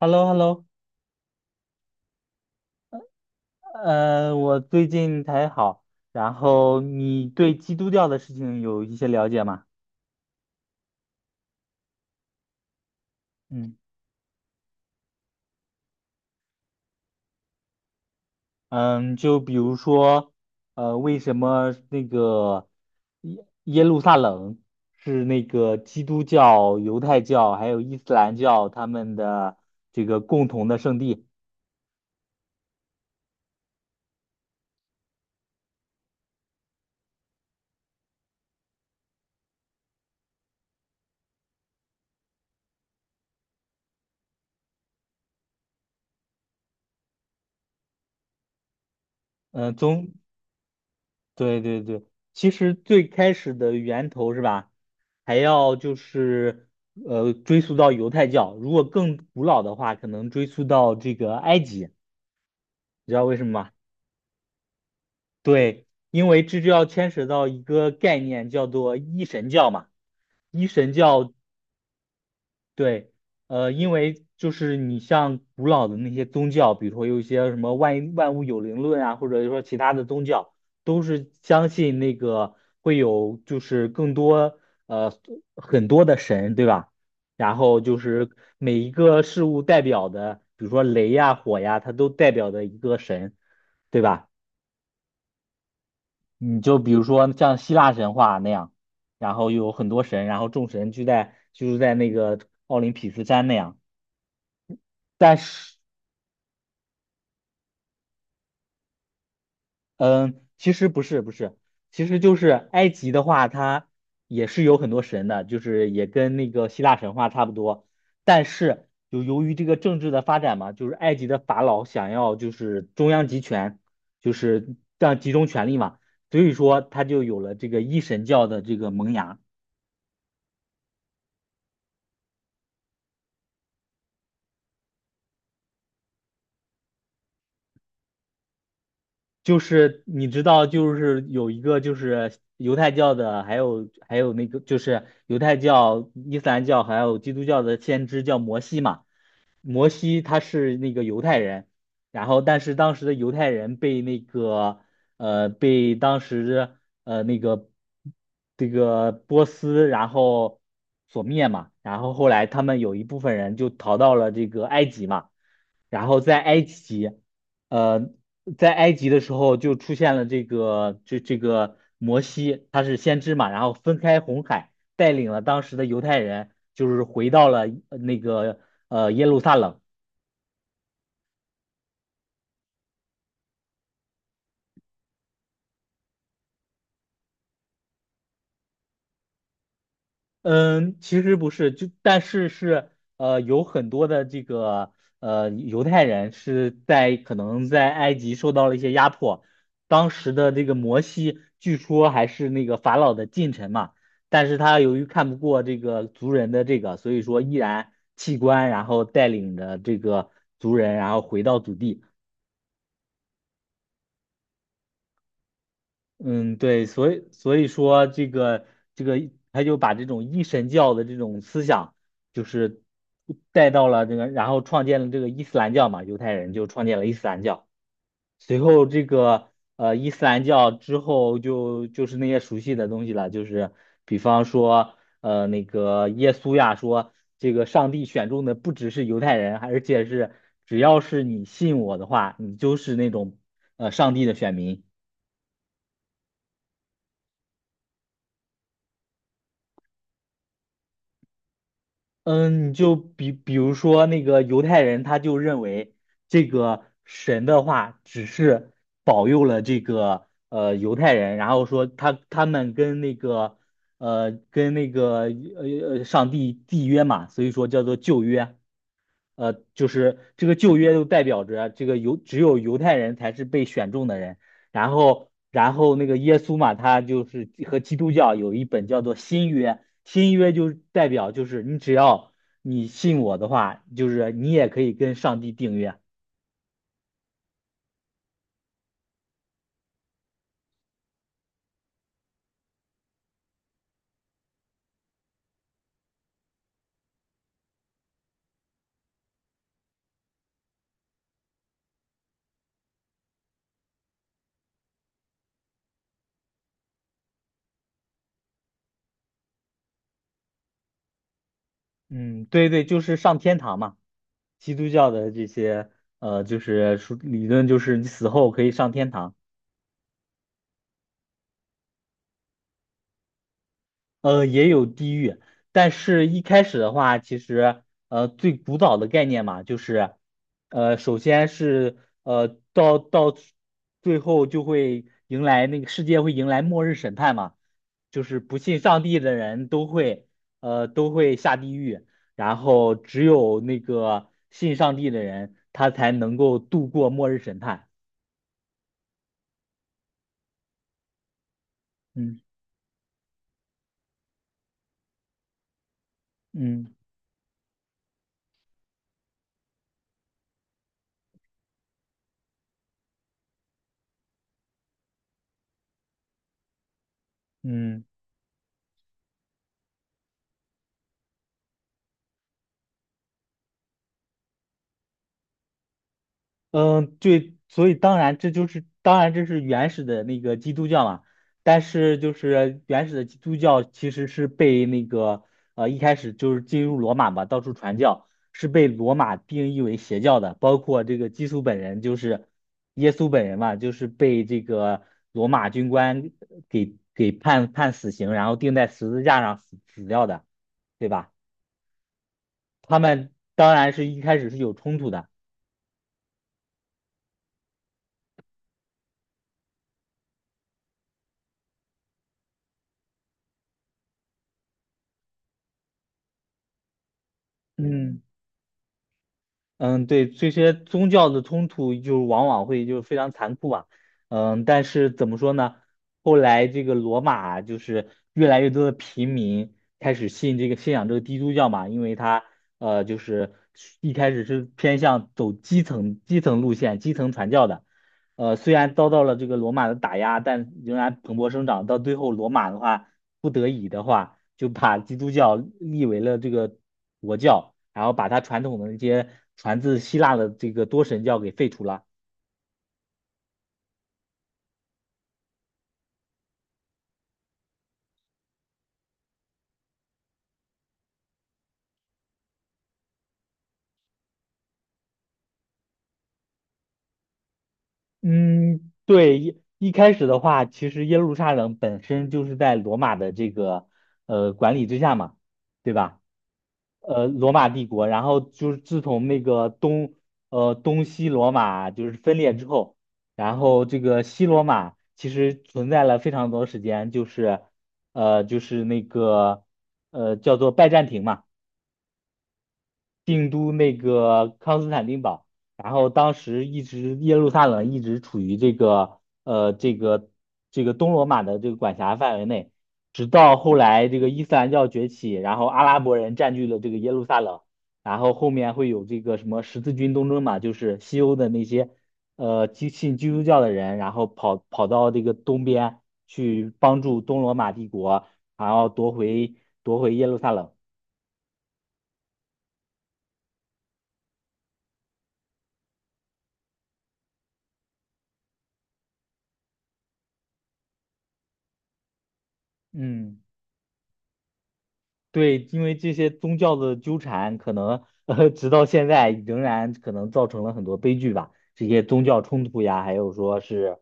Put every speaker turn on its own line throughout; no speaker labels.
h e l l o h e l l o 我最近才好。然后你对基督教的事情有一些了解吗？嗯嗯，就比如说，为什么那个耶路撒冷是那个基督教、犹太教还有伊斯兰教他们的这个共同的圣地？嗯、呃，宗对对对，其实最开始的源头是吧，还要就是呃追溯到犹太教，如果更古老的话，可能追溯到这个埃及，你知道为什么吗？对，因为这就要牵扯到一个概念叫做一神教嘛，一神教。对，因为就是你像古老的那些宗教，比如说有一些什么万万物有灵论啊，或者说其他的宗教，都是相信那个会有就是更多呃很多的神，对吧？然后就是每一个事物代表的，比如说雷呀、火呀，它都代表的一个神，对吧？你就比如说像希腊神话那样，然后有很多神，然后众神聚在居住在那个奥林匹斯山那样。但是，嗯，其实不是，其实就是埃及的话，它也是有很多神的，就是也跟那个希腊神话差不多。但是，就由于这个政治的发展嘛，就是埃及的法老想要就是中央集权，就是这样集中权力嘛，所以说他就有了这个一神教的这个萌芽。就是你知道，就是有一个就是犹太教的，还有那个就是犹太教、伊斯兰教还有基督教的先知叫摩西嘛。摩西他是那个犹太人，然后但是当时的犹太人被那个当时呃那个这个波斯然后所灭嘛，然后后来他们有一部分人就逃到了这个埃及嘛。然后在埃及，呃，在埃及的时候就出现了这个摩西，他是先知嘛，然后分开红海，带领了当时的犹太人，就是回到了那个耶路撒冷。嗯，其实不是，但是是有很多的这个犹太人是在可能在埃及受到了一些压迫，当时的这个摩西据说还是那个法老的近臣嘛，但是他由于看不过这个族人的这个，所以说毅然弃官，然后带领着这个族人，然后回到祖地。嗯，对，所以说这个,他就把这种一神教的这种思想，就是带到了这个，然后创建了这个伊斯兰教嘛，犹太人就创建了伊斯兰教。随后这个伊斯兰教之后就是那些熟悉的东西了，就是比方说那个耶稣呀说，这个上帝选中的不只是犹太人，而且是只要是你信我的话，你就是那种上帝的选民。嗯，你就比如说那个犹太人，他就认为这个神的话只是保佑了这个犹太人，然后说他们跟那个跟那个上帝缔约嘛，所以说叫做旧约。就是这个旧约就代表着这个犹只有犹太人才是被选中的人，然后那个耶稣嘛，他就是和基督教有一本叫做新约，新约就代表就是你只要你信我的话，就是你也可以跟上帝订约。嗯，对对，就是上天堂嘛，基督教的这些就是说理论就是你死后可以上天堂。呃，也有地狱，但是一开始的话，其实最古早的概念嘛，就是首先是呃到到最后就会迎来那个世界会迎来末日审判嘛，就是不信上帝的人都会下地狱，然后只有那个信上帝的人，他才能够度过末日审判。嗯嗯嗯。嗯，对，所以当然这就是当然这是原始的那个基督教嘛，但是就是原始的基督教其实是被那个一开始就是进入罗马嘛，到处传教，是被罗马定义为邪教的，包括这个基督本人就是耶稣本人嘛，就是被这个罗马军官给判死刑，然后钉在十字架上死掉的，对吧？他们当然是一开始是有冲突的。嗯，嗯，对，这些宗教的冲突就往往会就是非常残酷嘛。嗯，但是怎么说呢？后来这个罗马就是越来越多的平民开始信仰这个基督教嘛，因为它就是一开始是偏向走基层路线、基层传教的。呃，虽然遭到了这个罗马的打压，但仍然蓬勃生长。到最后，罗马的话不得已的话，就把基督教立为了这个国教，然后把它传统的那些传自希腊的这个多神教给废除了。嗯，对，一开始的话，其实耶路撒冷本身就是在罗马的这个管理之下嘛，对吧？呃，罗马帝国，然后就是自从那个东西罗马就是分裂之后，然后这个西罗马其实存在了非常多时间，就是就是那个叫做拜占庭嘛。定都那个康斯坦丁堡，然后当时耶路撒冷一直处于这个这个东罗马的这个管辖范围内，直到后来这个伊斯兰教崛起，然后阿拉伯人占据了这个耶路撒冷，然后后面会有这个什么十字军东征嘛，就是西欧的那些信基督教的人，然后跑到这个东边去帮助东罗马帝国，然后夺回耶路撒冷。嗯。对，因为这些宗教的纠缠，可能直到现在仍然可能造成了很多悲剧吧。这些宗教冲突呀，还有说是，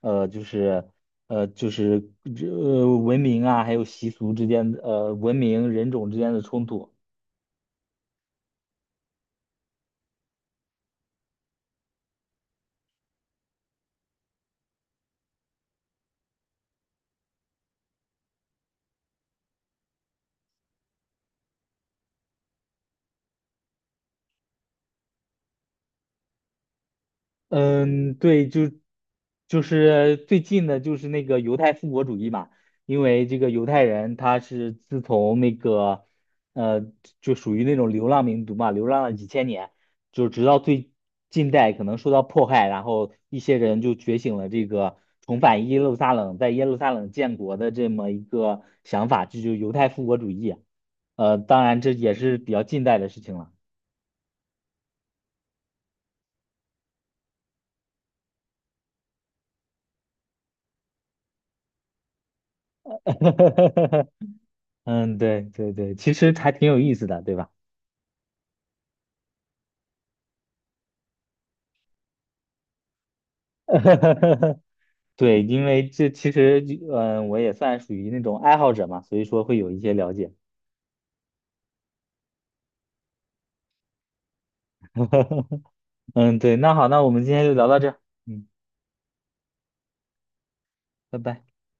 呃，就是文明啊，还有习俗之间的，文明人种之间的冲突。嗯，对，就是最近的，就是那个犹太复国主义嘛，因为这个犹太人他是自从那个呃，就属于那种流浪民族嘛，流浪了几千年，就直到最近代可能受到迫害，然后一些人就觉醒了这个重返耶路撒冷、在耶路撒冷建国的这么一个想法，这就是犹太复国主义啊。呃，当然这也是比较近代的事情了。嗯，对对对，其实还挺有意思的，对吧？对，因为这其实我也算属于那种爱好者嘛，所以说会有一些了解。嗯，对，那好，那我们今天就聊到这儿。嗯，拜拜。